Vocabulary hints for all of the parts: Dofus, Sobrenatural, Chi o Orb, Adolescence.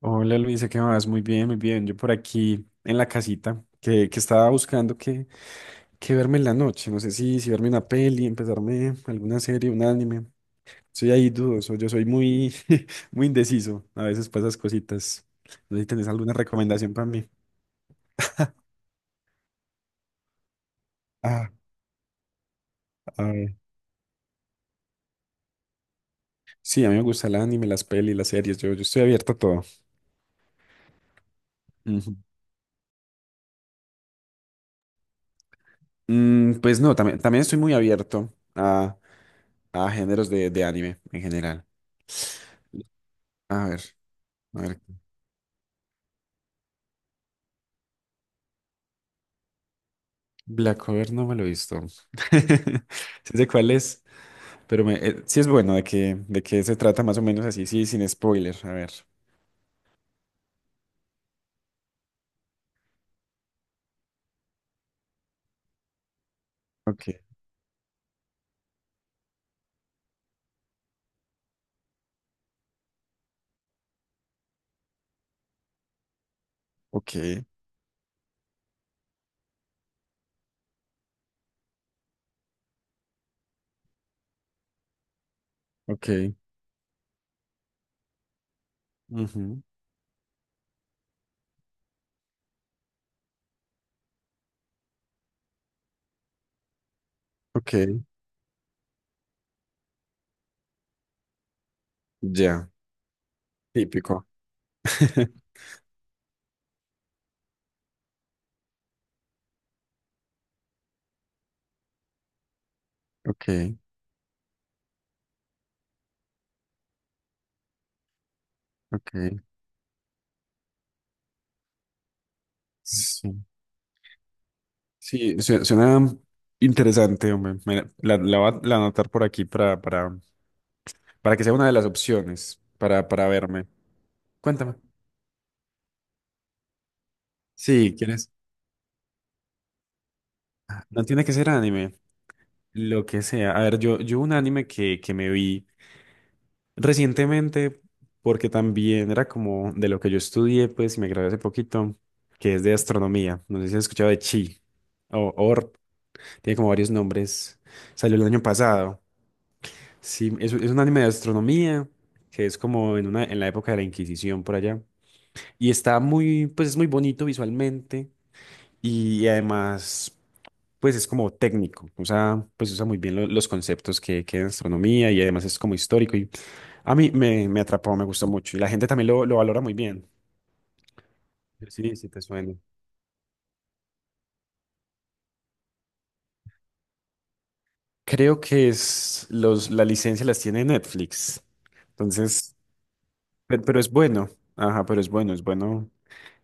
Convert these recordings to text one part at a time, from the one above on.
Hola Luisa, ¿qué más? Muy bien, muy bien. Yo por aquí en la casita que estaba buscando qué verme en la noche. No sé si verme una peli, empezarme alguna serie, un anime. Soy ahí dudoso, yo soy muy, muy indeciso. A veces para esas cositas. No sé si tenés alguna recomendación para mí. Ah, a ver. Sí, a mí me gusta el anime, las pelis, las series. Yo estoy abierto a todo. Ujú. Mm, pues no, también estoy muy abierto a géneros de anime en general. A ver. A ver, Black Over no me lo he visto. Sí sé cuál es, pero sí es bueno de qué se trata más o menos así, sí, sin spoiler. A ver. Ok, ok, ok. Ujú. Ok, ya, típico. Ok, ok. Sí, sí, suena interesante, hombre. La voy a la anotar por aquí para, que sea una de las opciones para verme. Cuéntame. Sí, ¿quieres? No tiene que ser anime. Lo que sea. A ver, yo un anime que me vi recientemente, porque también era como de lo que yo estudié, pues, y me gradué hace poquito, que es de astronomía. No sé si has escuchado de Chi o Orb, tiene como varios nombres. Salió el año pasado. Sí, es un anime de astronomía, que es como en en la época de la Inquisición por allá. Y está pues es muy bonito visualmente. Y además, pues es como técnico, pues usa muy bien los conceptos que hay en astronomía y además es como histórico y a mí me atrapó, me gustó mucho y la gente también lo valora muy bien. Sí, sí te suena. Creo que es la licencia las tiene Netflix, entonces, pero, es bueno, ajá, pero es bueno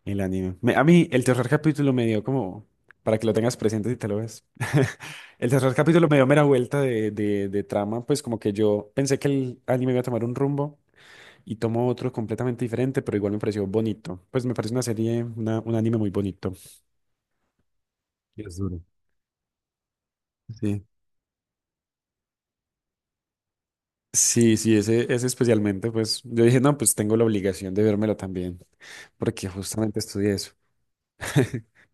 el anime. A mí el tercer capítulo me dio como, para que lo tengas presente si te lo ves, el tercer capítulo me dio mera vuelta de, de trama, pues como que yo pensé que el anime iba a tomar un rumbo y tomo otro completamente diferente, pero igual me pareció bonito. Pues me parece una serie, un anime muy bonito. Y es duro. Sí. Sí, sí, ese especialmente, pues yo dije, no, pues tengo la obligación de vérmelo también, porque justamente estudié eso.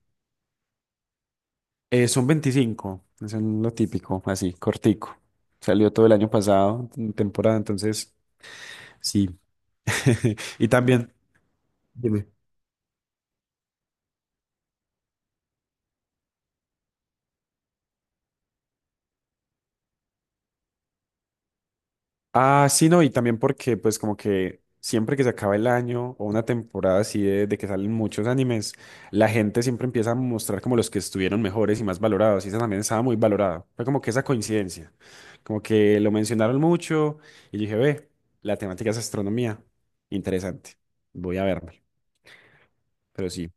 Son 25, es lo típico, así, cortico. Salió todo el año pasado, en temporada, entonces, sí. Y también, dime. Ah, sí, no, y también porque pues como que siempre que se acaba el año o una temporada así de que salen muchos animes, la gente siempre empieza a mostrar como los que estuvieron mejores y más valorados, y esa también estaba muy valorada. Fue como que esa coincidencia, como que lo mencionaron mucho y dije, ve, la temática es astronomía, interesante, voy a verme, pero sí.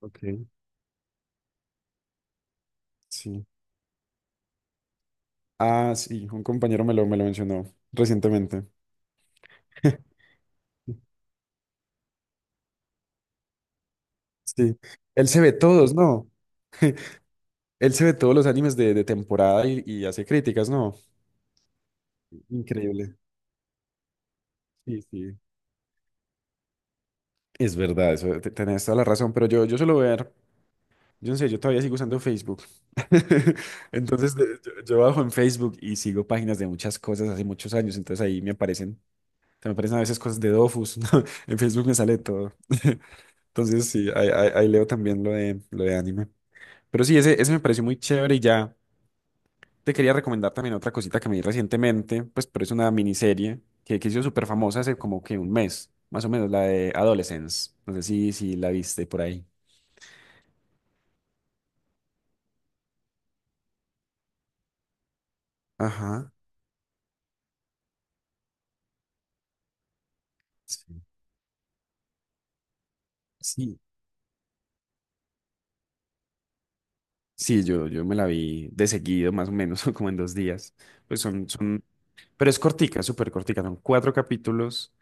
Ok. Sí. Ah, sí, un compañero me lo mencionó recientemente. Sí, él se ve todos, ¿no? Él se ve todos los animes de temporada y hace críticas, ¿no? Increíble. Sí, sí. Es verdad, eso, tenés toda la razón, pero yo suelo ver, yo no sé, yo todavía sigo usando Facebook. Entonces, yo bajo en Facebook y sigo páginas de muchas cosas hace muchos años, entonces ahí me aparecen a veces cosas de Dofus, ¿no? En Facebook me sale todo. Entonces, sí, ahí leo también lo de anime. Pero sí, ese me pareció muy chévere y ya. Te quería recomendar también otra cosita que me vi recientemente, pues, pero es una miniserie que hizo súper famosa hace como que un mes, más o menos, la de Adolescence. No sé si la viste por ahí. Ajá. Sí. Sí, sí, yo me la vi de seguido, más o menos, como en 2 días. Pues pero es cortica, súper cortica, son 4 capítulos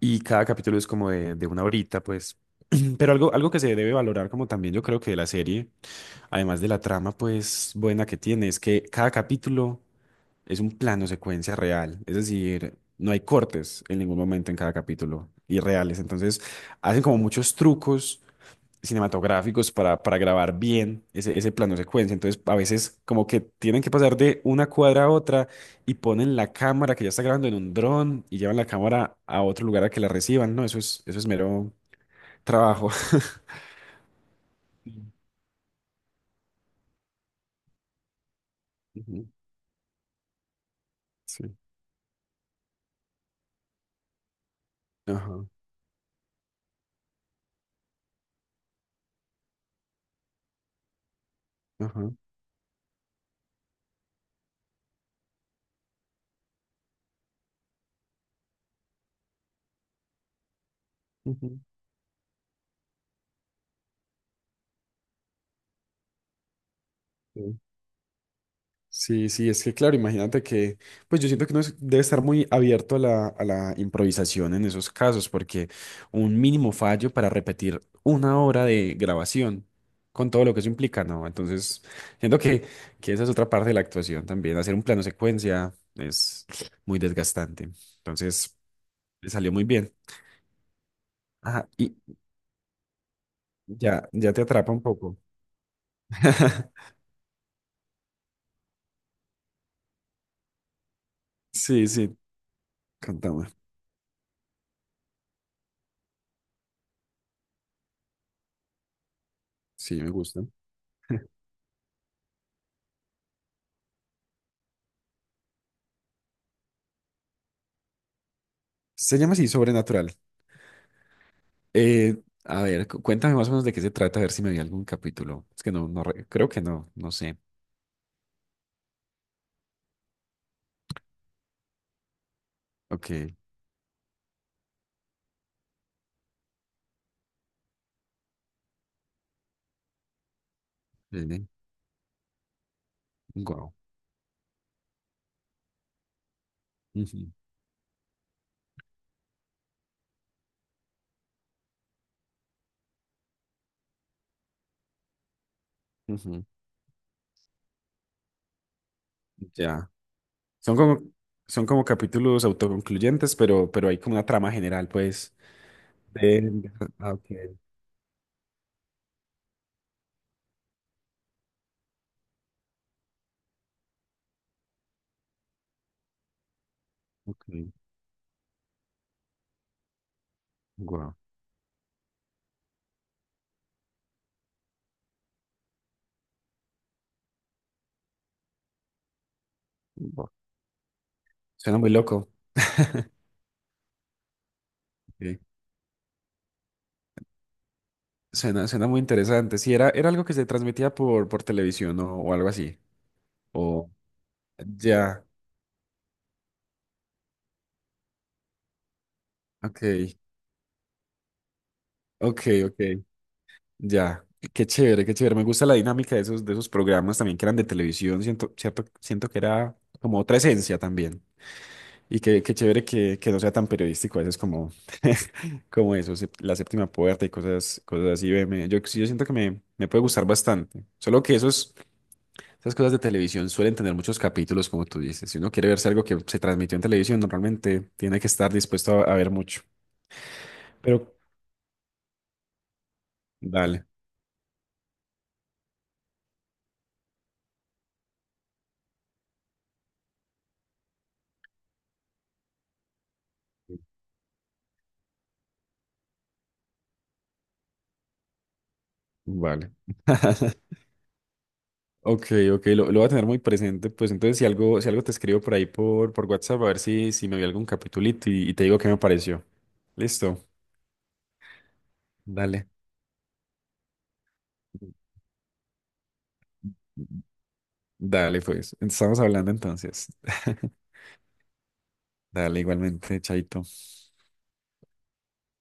y cada capítulo es como de una horita, pues. Pero algo que se debe valorar como también yo creo que de la serie, además de la trama, pues buena que tiene, es que cada capítulo es un plano secuencia real, es decir, no hay cortes en ningún momento en cada capítulo y reales. Entonces, hacen como muchos trucos cinematográficos para grabar bien ese plano secuencia. Entonces, a veces como que tienen que pasar de una cuadra a otra y ponen la cámara que ya está grabando en un dron y llevan la cámara a otro lugar a que la reciban. No, eso es mero trabajo. Ujú. Sí. Ajá, ajá. Ujú, sí. Sí, sí, es que claro, imagínate que, pues yo siento que uno debe estar muy abierto a la improvisación en esos casos, porque un mínimo fallo para repetir una hora de grabación con todo lo que eso implica, ¿no? Entonces, siento que esa es otra parte de la actuación también, hacer un plano secuencia es muy desgastante. Entonces, le salió muy bien. Ajá, y ya, ya te atrapa un poco. Sí, sí, contame. Sí, me gusta. Se llama así, Sobrenatural. Eh, a ver, cuéntame más o menos de qué se trata, a ver si me vi algún capítulo. Es que no, no, creo que no, no sé. Ok, wow. Ya. Son como, son como capítulos autoconcluyentes, pero hay como una trama general, pues. De... ah, ok, ok, guau. Buah. Suena muy loco. Ok. Suena muy interesante. Sí, era algo que se transmitía por televisión o algo así. O ya, ok, ok, ok. Ya, qué chévere, qué chévere. Me gusta la dinámica de esos programas también que eran de televisión. Siento, cierto, siento que era como otra esencia también. Y qué chévere que no sea tan periodístico a veces como, como eso, la séptima puerta y cosas así. Ve, yo, sí, yo siento que me puede gustar bastante. Solo que esas cosas de televisión suelen tener muchos capítulos, como tú dices. Si uno quiere verse algo que se transmitió en televisión, normalmente tiene que estar dispuesto a ver mucho. Pero, dale, vale. Ok, ok, lo voy a tener muy presente. Pues entonces si algo te escribo por ahí por WhatsApp, a ver si me vi algún capitulito y te digo qué me pareció. Listo. Dale, dale pues. Estamos hablando entonces. Dale, igualmente, chaito.